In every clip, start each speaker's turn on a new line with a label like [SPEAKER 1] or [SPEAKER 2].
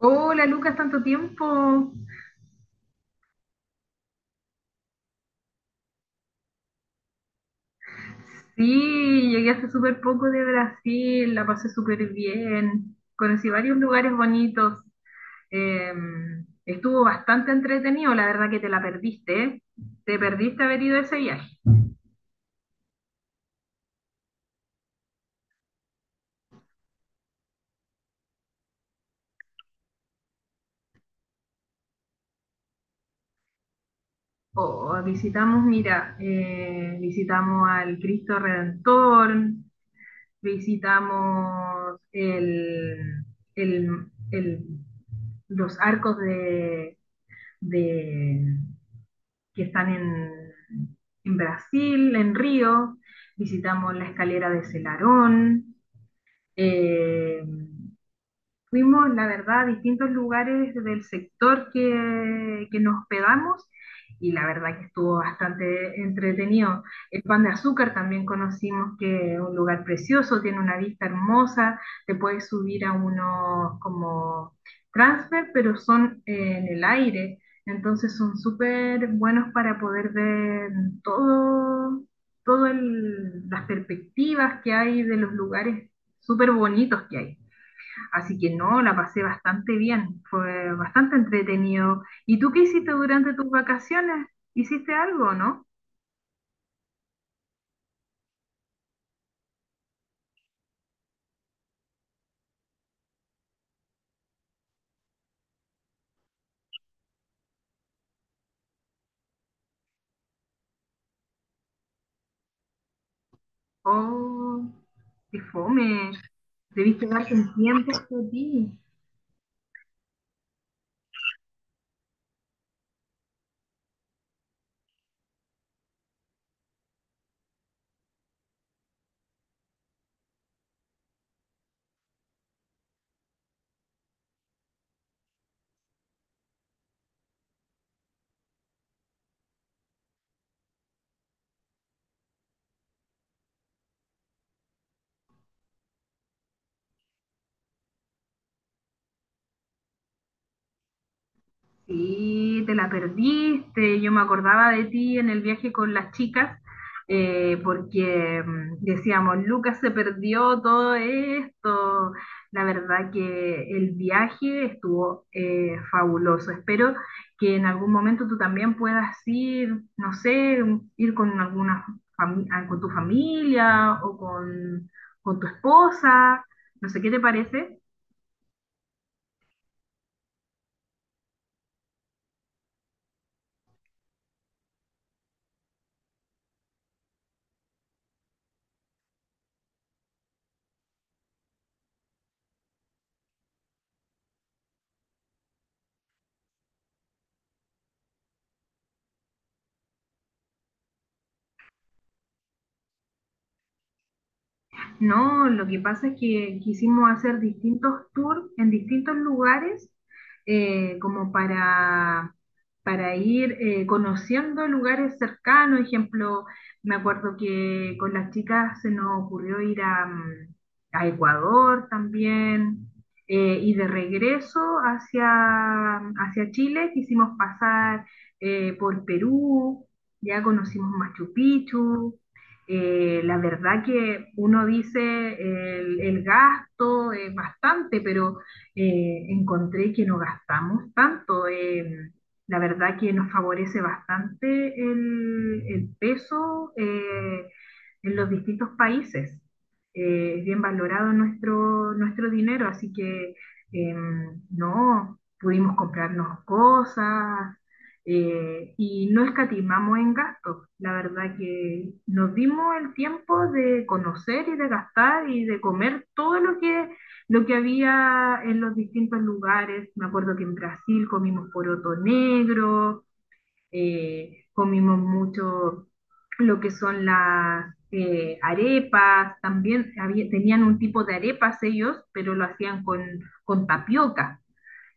[SPEAKER 1] Hola Lucas, tanto tiempo. Sí, llegué hace súper poco de Brasil, la pasé súper bien, conocí varios lugares bonitos, Eh, Estuvo bastante entretenido, la verdad que te la perdiste, ¿eh? Te perdiste haber ido a ese viaje. Oh, visitamos, mira, visitamos al Cristo Redentor, visitamos el, el- los arcos de que están en Brasil, en Río. Visitamos la escalera de Celarón. eh, Fuimos, la verdad, a distintos lugares del sector que nos hospedamos y la verdad que estuvo bastante entretenido. El Pan de Azúcar también conocimos, que es un lugar precioso, tiene una vista hermosa, te puedes subir a unos como transfer, pero son en el aire, entonces son súper buenos para poder ver todo, las perspectivas que hay de los lugares súper bonitos que hay. Así que no, la pasé bastante bien, fue bastante entretenido. ¿Y tú qué hiciste durante tus vacaciones? ¿Hiciste algo, no? Oh, qué fome, debiste darte un tiempo para ti. Sí, te la perdiste. Yo me acordaba de ti en el viaje con las chicas, porque decíamos, Lucas se perdió todo esto. La verdad que el viaje estuvo fabuloso. Espero que en algún momento tú también puedas ir, no sé, ir con alguna con tu familia o con tu esposa. No sé qué te parece. No, lo que pasa es que quisimos hacer distintos tours en distintos lugares, como para ir conociendo lugares cercanos. Ejemplo, me acuerdo que con las chicas se nos ocurrió ir a Ecuador también, y de regreso hacia Chile quisimos pasar por Perú, ya conocimos Machu Picchu. La verdad que uno dice el gasto es bastante, pero encontré que no gastamos tanto. La verdad que nos favorece bastante el peso en los distintos países. Es bien valorado nuestro dinero, así que eh, no, pudimos comprarnos cosas y no escatimamos en gastos. La verdad que nos dimos el tiempo de conocer y de gastar y de comer todo lo que había en los distintos lugares. Me acuerdo que en Brasil comimos poroto negro, comimos mucho lo que son las arepas, también tenían un tipo de arepas ellos, pero lo hacían con tapioca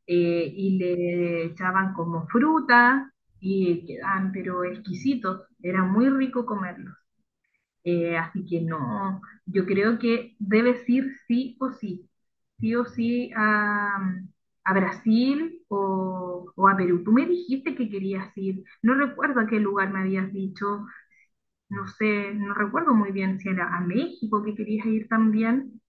[SPEAKER 1] y le echaban como fruta y quedaban pero exquisitos, era muy rico comerlo. Así que no, yo creo que debes ir sí o sí a Brasil o a Perú. Tú me dijiste que querías ir, no recuerdo a qué lugar me habías dicho, no sé, no recuerdo muy bien si era a México que querías ir también.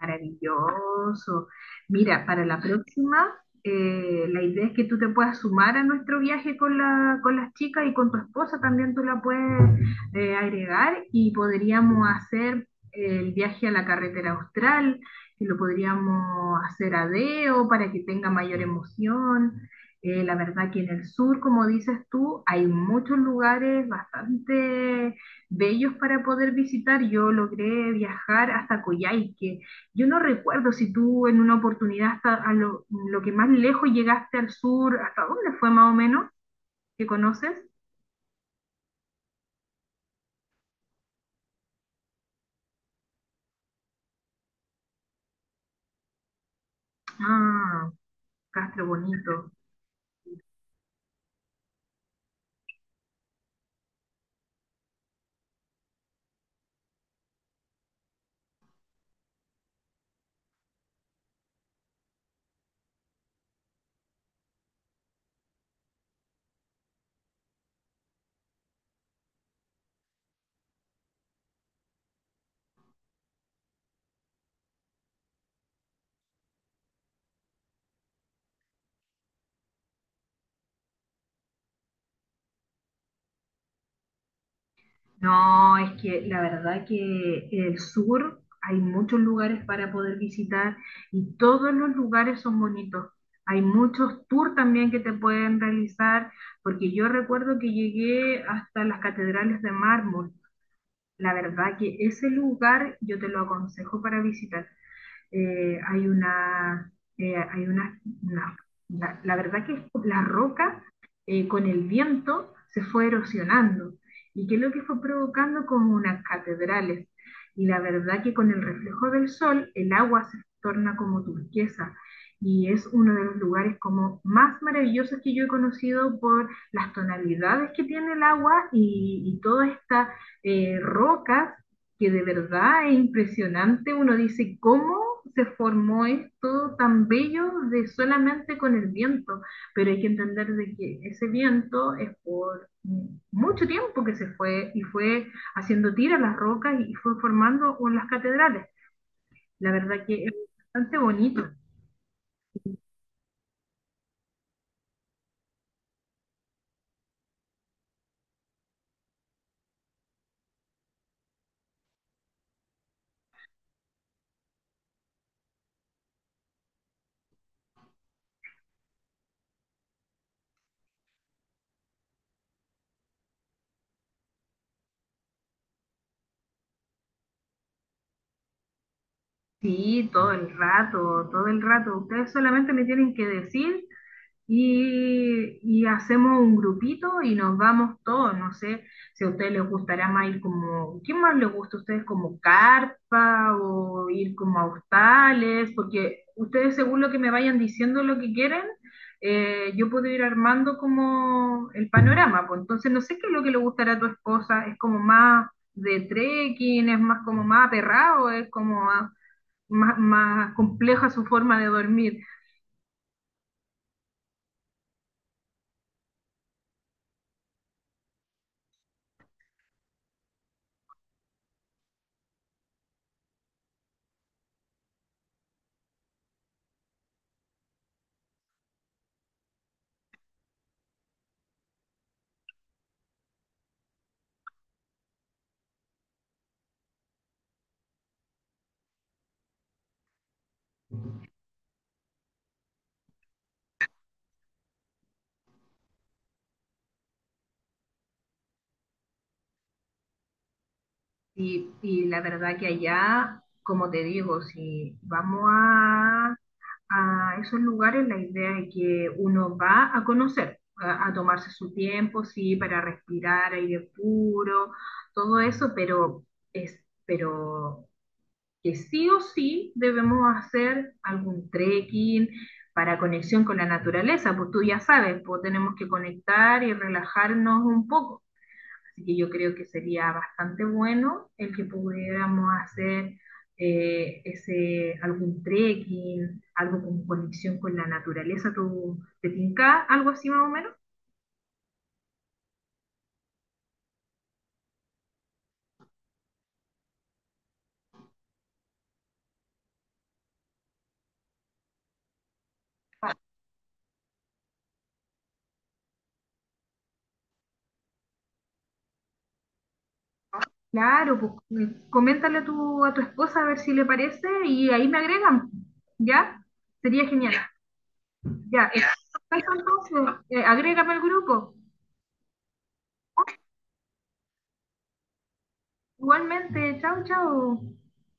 [SPEAKER 1] Maravilloso. Mira, para la próxima, la idea es que tú te puedas sumar a nuestro viaje con la, con las chicas, y con tu esposa también tú la puedes agregar, y podríamos hacer el viaje a la carretera austral, que lo podríamos hacer a Deo para que tenga mayor emoción. La verdad que en el sur, como dices tú, hay muchos lugares bastante bellos para poder visitar. Yo logré viajar hasta Coyhaique. Yo no recuerdo si tú en una oportunidad hasta lo que más lejos llegaste al sur, ¿hasta dónde fue más o menos que conoces? Ah, Castro bonito. No, es que la verdad que el sur, hay muchos lugares para poder visitar y todos los lugares son bonitos. Hay muchos tours también que te pueden realizar, porque yo recuerdo que llegué hasta las catedrales de mármol. La verdad que ese lugar yo te lo aconsejo para visitar. eh, hay una, Hay una, verdad que la roca con el viento se fue erosionando y que lo que fue provocando como unas catedrales. Y la verdad que con el reflejo del sol el agua se torna como turquesa, y es uno de los lugares como más maravillosos que yo he conocido por las tonalidades que tiene el agua, y, todas estas rocas, que de verdad es impresionante. Uno dice, ¿cómo se formó esto tan bello de solamente con el viento? Pero hay que entender de que ese viento es por mucho tiempo que se fue y fue haciendo tiras las rocas y fue formando las catedrales. La verdad que es bastante bonito. Sí, todo el rato, todo el rato. Ustedes solamente me tienen que decir y hacemos un grupito y nos vamos todos. No sé si a ustedes les gustará más ir como, ¿qué más les gusta a ustedes? Como carpa o ir como a hostales, porque ustedes según lo que me vayan diciendo lo que quieren, yo puedo ir armando como el panorama. Pues entonces no sé qué es lo que le gustará a tu esposa, es como más de trekking, es más como más aperrado, es como más, más compleja su forma de dormir. Y la verdad que allá, como te digo, si vamos a esos lugares, la idea es que uno va a conocer, a tomarse su tiempo, sí, para respirar aire puro, todo eso, pero pero que sí o sí debemos hacer algún trekking para conexión con la naturaleza, pues tú ya sabes, pues tenemos que conectar y relajarnos un poco. Así que yo creo que sería bastante bueno el que pudiéramos hacer algún trekking, algo con conexión con la naturaleza. ¿Te tinca algo así más o menos? Claro, pues coméntale a tu esposa a ver si le parece y ahí me agregan, ¿ya? Sería genial. Ya, eso, entonces, agrégame al grupo. Igualmente, chao, chao.